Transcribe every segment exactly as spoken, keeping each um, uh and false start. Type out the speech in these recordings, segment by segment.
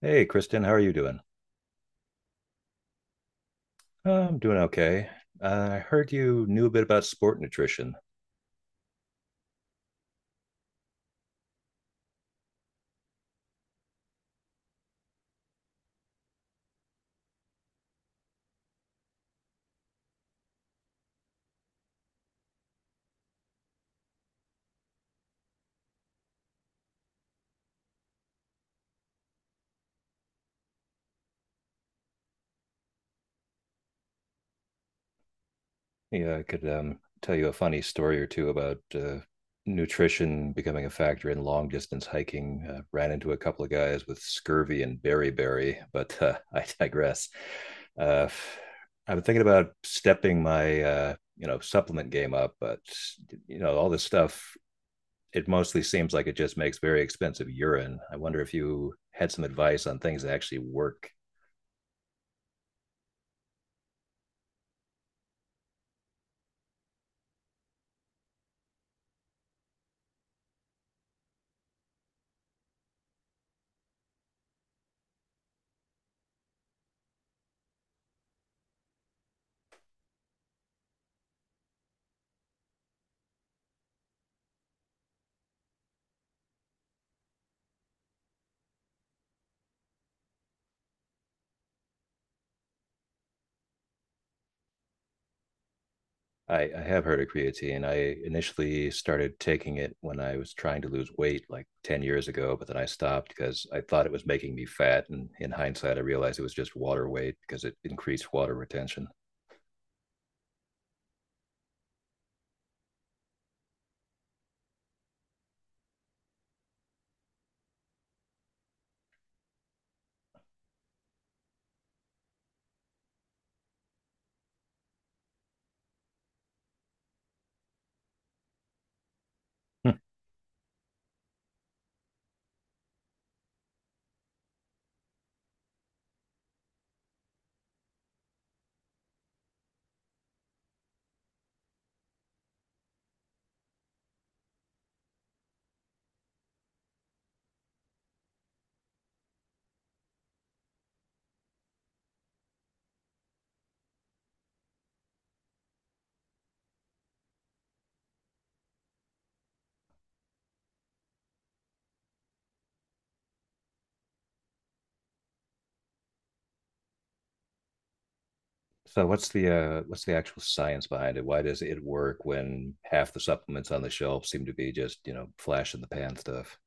Hey, Kristen, how are you doing? I'm doing okay. Uh, I heard you knew a bit about sport nutrition. Yeah, I could um, tell you a funny story or two about uh, nutrition becoming a factor in long distance hiking. Uh, ran into a couple of guys with scurvy and beriberi, but uh, I digress. Uh, I've been thinking about stepping my uh, you know supplement game up, but you know all this stuff it mostly seems like it just makes very expensive urine. I wonder if you had some advice on things that actually work. I, I have heard of creatine. I initially started taking it when I was trying to lose weight like ten years ago, but then I stopped because I thought it was making me fat. And in hindsight, I realized it was just water weight because it increased water retention. Hmm. So what's the uh, what's the actual science behind it? Why does it work when half the supplements on the shelf seem to be just you know flash in the pan stuff?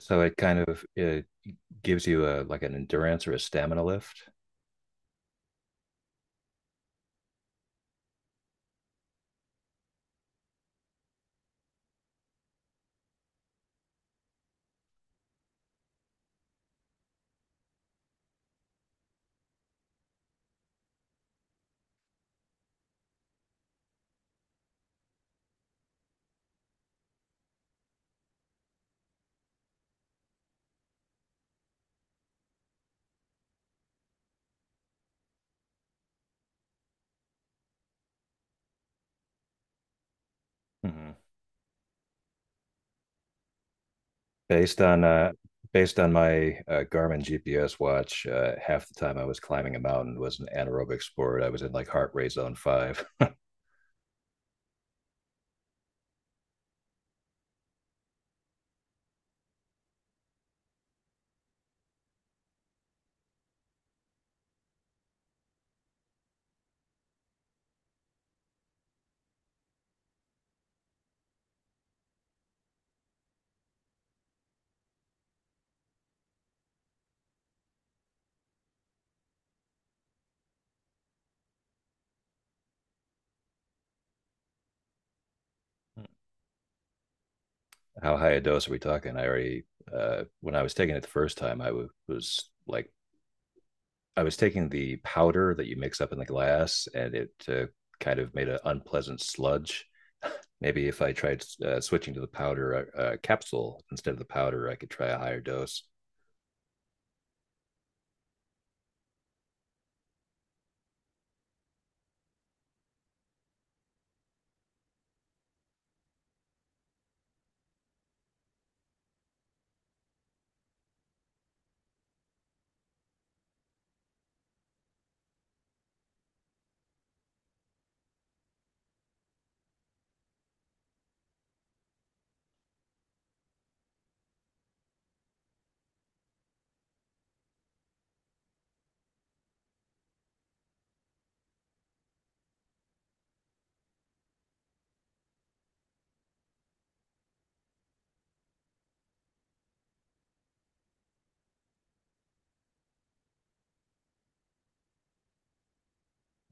So it kind of it gives you a like an endurance or a stamina lift. Hmm. Based on uh, based on my uh, Garmin G P S watch, uh, half the time I was climbing a mountain was an anaerobic sport. I was in like heart rate zone five. How high a dose are we talking? I already uh, when I was taking it the first time, I w- was like I was taking the powder that you mix up in the glass, and it uh, kind of made an unpleasant sludge. Maybe if I tried uh, switching to the powder uh, uh, capsule instead of the powder, I could try a higher dose.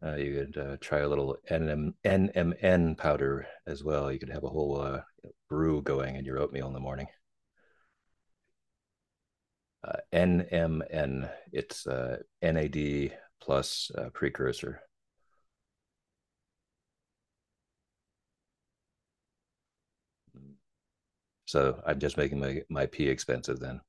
Uh, you could uh, try a little N M N powder as well. You could have a whole uh, brew going in your oatmeal in the morning. Uh, N M N, it's uh, N A D plus uh, precursor. So I'm just making my, my pee expensive then.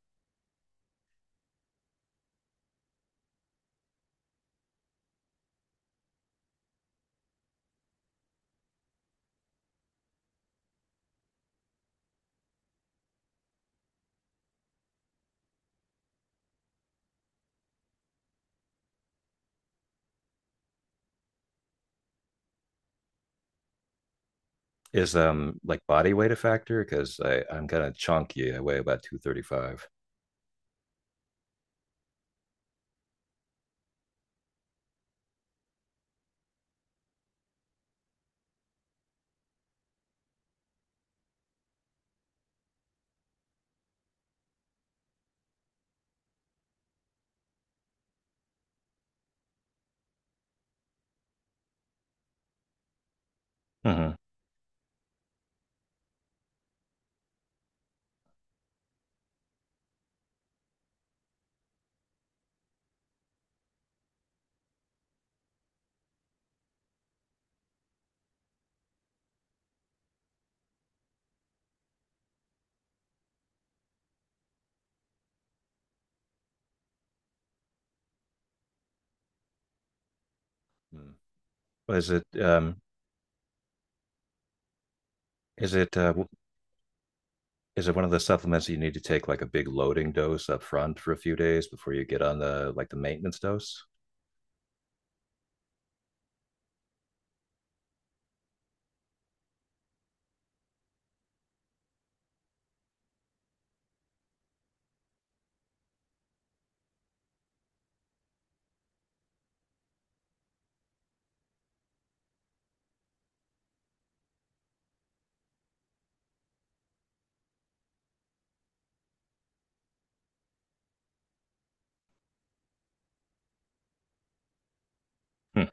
Is um like body weight a factor? Because I I'm kind of chunky. I weigh about two thirty five. Mm-hmm. Mm. Is it um is it uh, w- is it one of the supplements that you need to take like a big loading dose up front for a few days before you get on the like the maintenance dose? Hmm.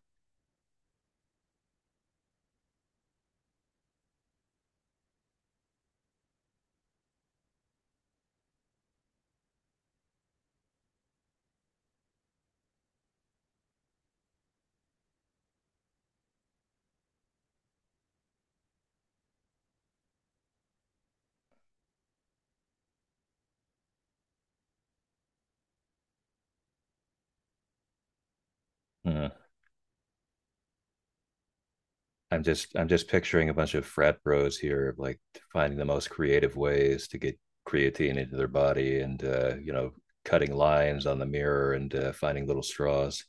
Hmm. I'm just I'm just picturing a bunch of frat bros here like finding the most creative ways to get creatine into their body and uh, you know cutting lines on the mirror and uh, finding little straws.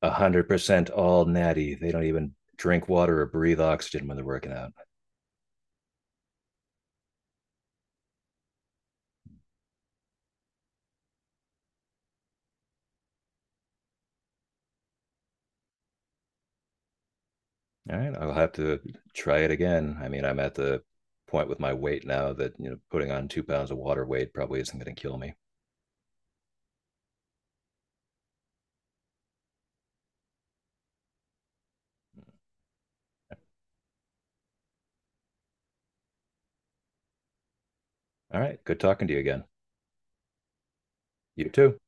one hundred percent all natty. They don't even drink water or breathe oxygen when they're working out. All right, I'll have to try it again. I mean, I'm at the point with my weight now that, you know, putting on two pounds of water weight probably isn't going to kill me. All right, good talking to you again. You too.